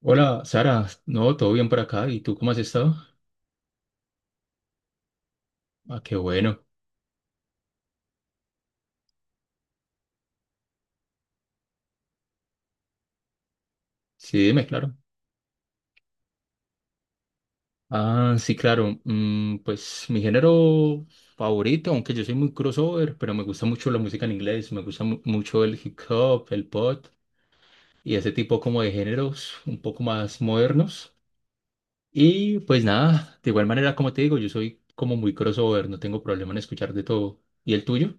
Hola, Sara. No, todo bien por acá. ¿Y tú cómo has estado? Ah, qué bueno. Sí, dime, claro. Ah, sí, claro. Pues mi género favorito, aunque yo soy muy crossover, pero me gusta mucho la música en inglés. Me gusta mucho el hip hop, el pop y ese tipo como de géneros un poco más modernos. Y pues nada, de igual manera, como te digo, yo soy como muy crossover. No tengo problema en escuchar de todo. ¿Y el tuyo?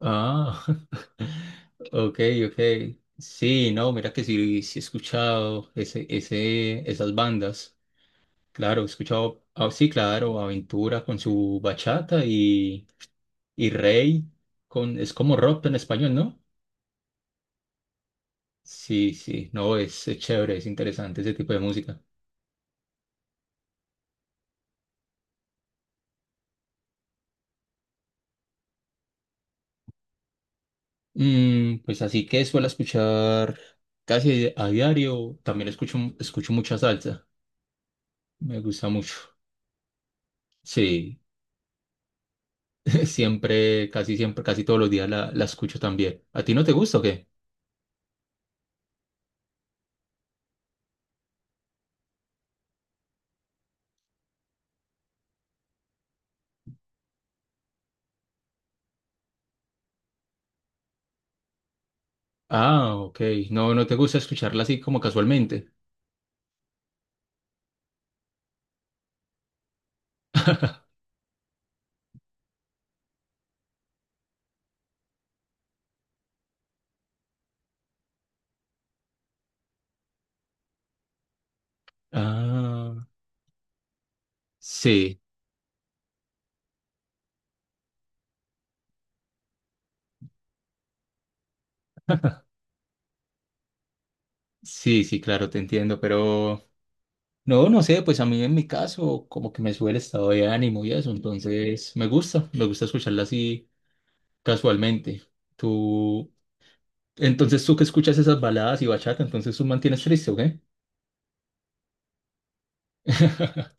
Ah, ok, ok. Sí, no, mira que sí, sí he escuchado ese, esas bandas. Claro, he escuchado, ah, sí, claro, Aventura con su bachata y Rey con, es como rock en español, ¿no? Sí, sí, no, es chévere, es interesante ese tipo de música. Pues así que suelo escuchar casi a diario. También escucho mucha salsa, me gusta mucho. Sí. Siempre, casi todos los días la escucho también. ¿A ti no te gusta o qué? Ah, ok. No, no te gusta escucharla así como casualmente. Ah, sí, sí, sí, claro, te entiendo, pero no, no sé, pues a mí en mi caso como que me sube el estado de ánimo y eso, entonces me gusta escucharla así casualmente. Tú, entonces tú que escuchas esas baladas y bachata, entonces tú mantienes triste, ¿o qué?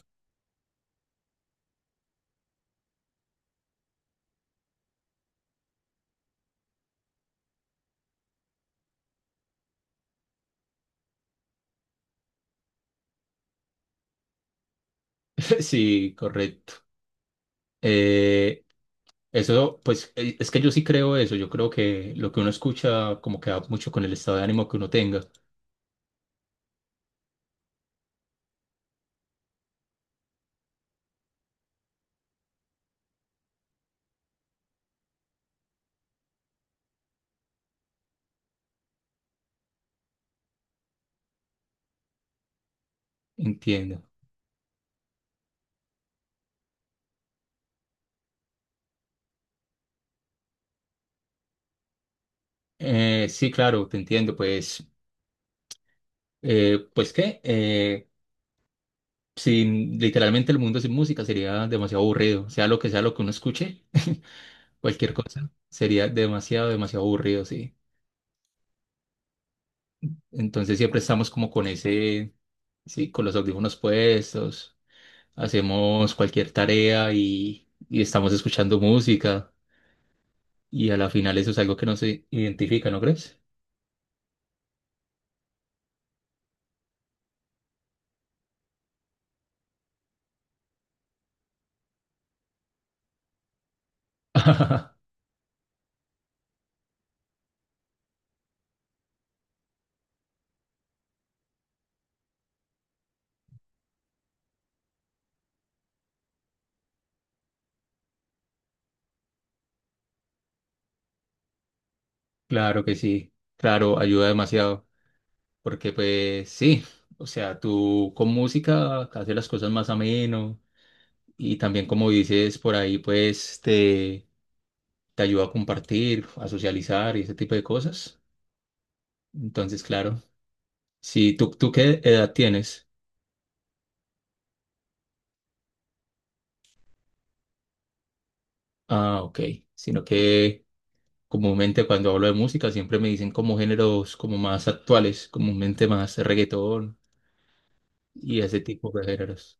Sí, correcto. Eh, Eso, pues, es que yo sí creo eso. Yo creo que lo que uno escucha como que va mucho con el estado de ánimo que uno tenga. Entiendo. Sí, claro, te entiendo. Pues, pues qué, sin literalmente el mundo sin música sería demasiado aburrido. Sea lo que uno escuche, cualquier cosa sería demasiado, demasiado aburrido, sí. Entonces siempre estamos como con ese, sí, con los audífonos puestos, hacemos cualquier tarea y estamos escuchando música. Y a la final eso es algo que no se identifica, ¿no crees? Claro que sí, claro, ayuda demasiado, porque pues sí, o sea, tú con música haces las cosas más ameno y también como dices por ahí, pues te ayuda a compartir, a socializar y ese tipo de cosas. Entonces, claro, si tú, ¿tú qué edad tienes? Ah, ok, sino que comúnmente cuando hablo de música siempre me dicen como géneros como más actuales, comúnmente más reggaetón y ese tipo de géneros.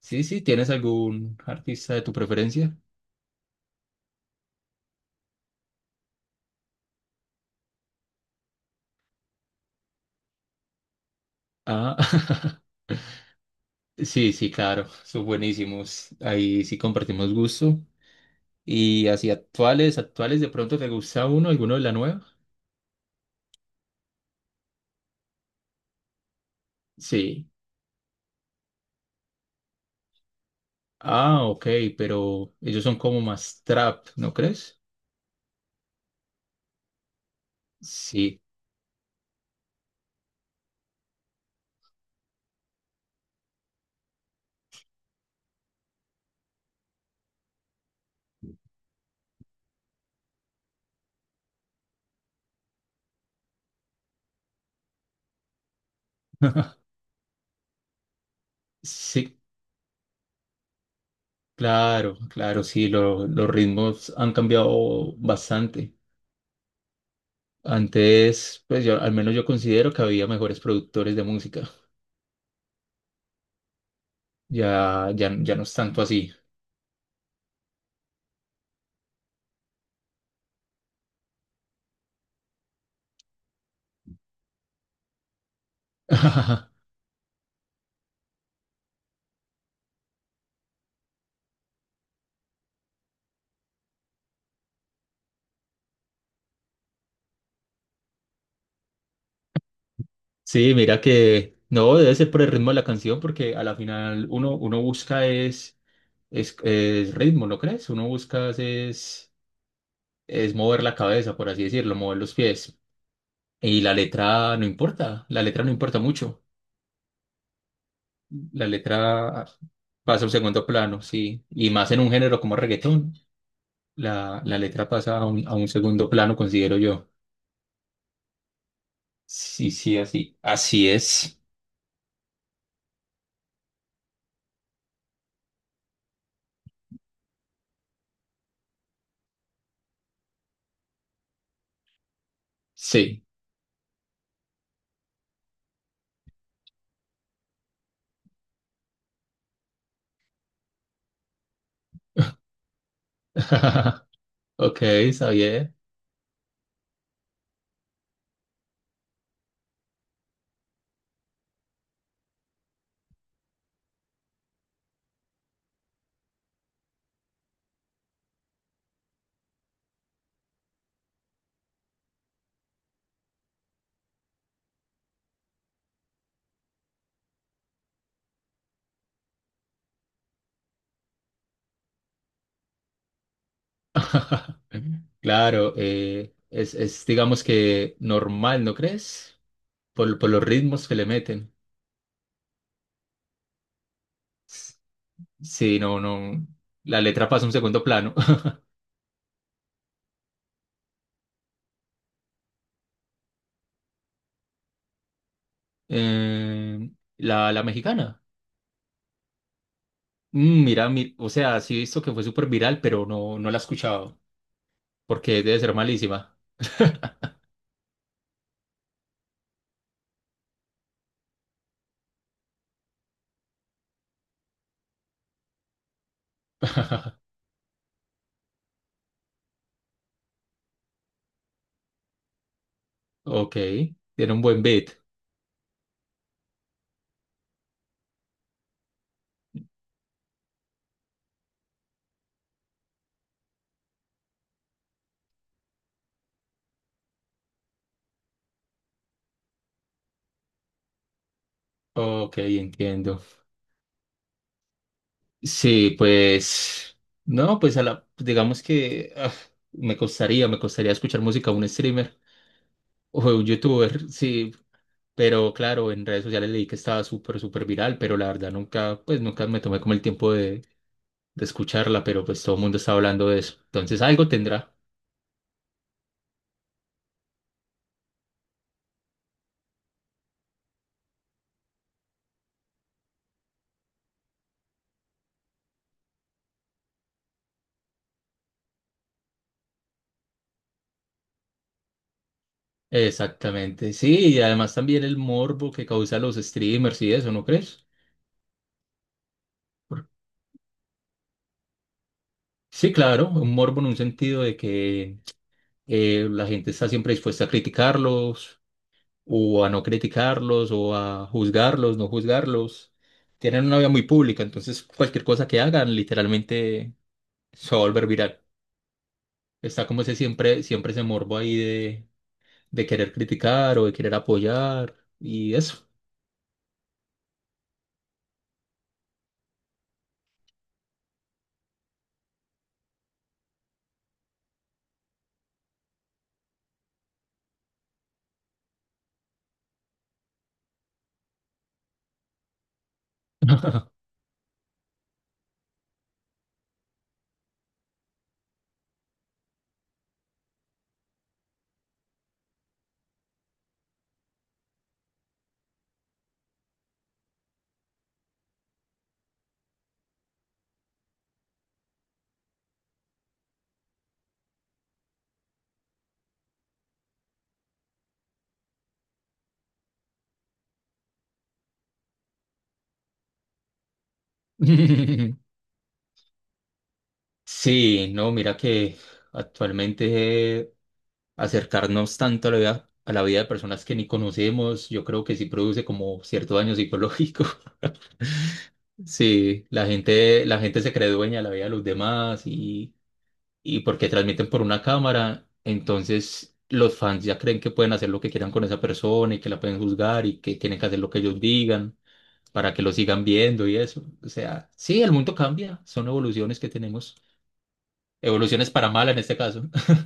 Sí, sí, ¿tienes algún artista de tu preferencia? Ah, sí, sí, claro, son buenísimos. Ahí sí compartimos gusto. Y así actuales, actuales, ¿de pronto te gusta uno, alguno de la nueva? Sí. Ah, ok, pero ellos son como más trap, ¿no crees? Sí, sí, claro, claro, sí, los ritmos han cambiado bastante. Antes, pues yo, al menos yo considero que había mejores productores de música. Ya, ya, ya no es tanto así. Sí, mira que no, debe ser por el ritmo de la canción, porque a la final uno, uno busca es ritmo, ¿no crees? Uno busca es mover la cabeza, por así decirlo, mover los pies. Y la letra no importa, la letra no importa mucho. La letra pasa a un segundo plano, sí. Y más en un género como reggaetón, la letra pasa a un segundo plano, considero yo. Sí, sí, así. Así es. Sí. Ok, está Claro, es, digamos que normal, ¿no crees? Por los ritmos que le meten. S- Sí, no, no. La letra pasa a un segundo plano. Eh, la, la mexicana. Mira, mi- o sea, sí he visto que fue súper viral, pero no, no la he escuchado. Porque debe ser malísima. Ok, tiene un buen beat. Ok, entiendo. Sí, pues, no, pues a la, pues digamos que me costaría escuchar música a un streamer o a un youtuber, sí, pero claro, en redes sociales leí que estaba súper, súper viral, pero la verdad nunca, pues nunca me tomé como el tiempo de escucharla, pero pues todo el mundo está hablando de eso, entonces algo tendrá. Exactamente, sí, y además también el morbo que causa los streamers y eso, ¿no crees? Por- Sí, claro, un morbo en un sentido de que la gente está siempre dispuesta a criticarlos o a no criticarlos o a juzgarlos, no juzgarlos. Tienen una vida muy pública, entonces cualquier cosa que hagan literalmente se va a volver viral. Está como ese siempre, siempre ese morbo ahí de querer criticar o de querer apoyar y eso. Sí, no, mira que actualmente acercarnos tanto a la vida de personas que ni conocemos, yo creo que sí produce como cierto daño psicológico. Sí, la gente se cree dueña de la vida de los demás y porque transmiten por una cámara, entonces los fans ya creen que pueden hacer lo que quieran con esa persona y que la pueden juzgar y que tienen que hacer lo que ellos digan para que lo sigan viendo y eso. O sea, sí, el mundo cambia, son evoluciones que tenemos, evoluciones para mal en este caso.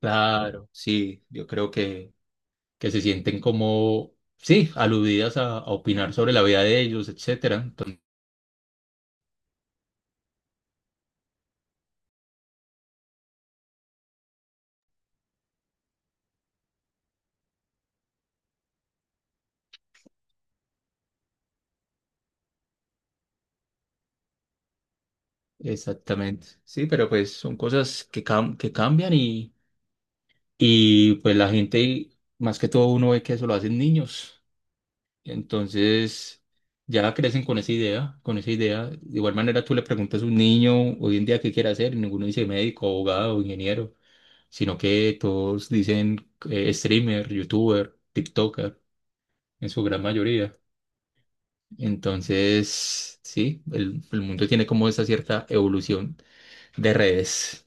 Claro, sí, yo creo que se sienten como, sí, aludidas a opinar sobre la vida de ellos, etcétera. Exactamente. Sí, pero pues son cosas que, cam- que cambian y pues la gente, más que todo uno ve que eso lo hacen niños. Entonces ya crecen con esa idea, con esa idea. De igual manera tú le preguntas a un niño hoy en día qué quiere hacer y ninguno dice médico, abogado, ingeniero, sino que todos dicen streamer, youtuber, TikToker, en su gran mayoría. Entonces, sí, el mundo tiene como esa cierta evolución de redes.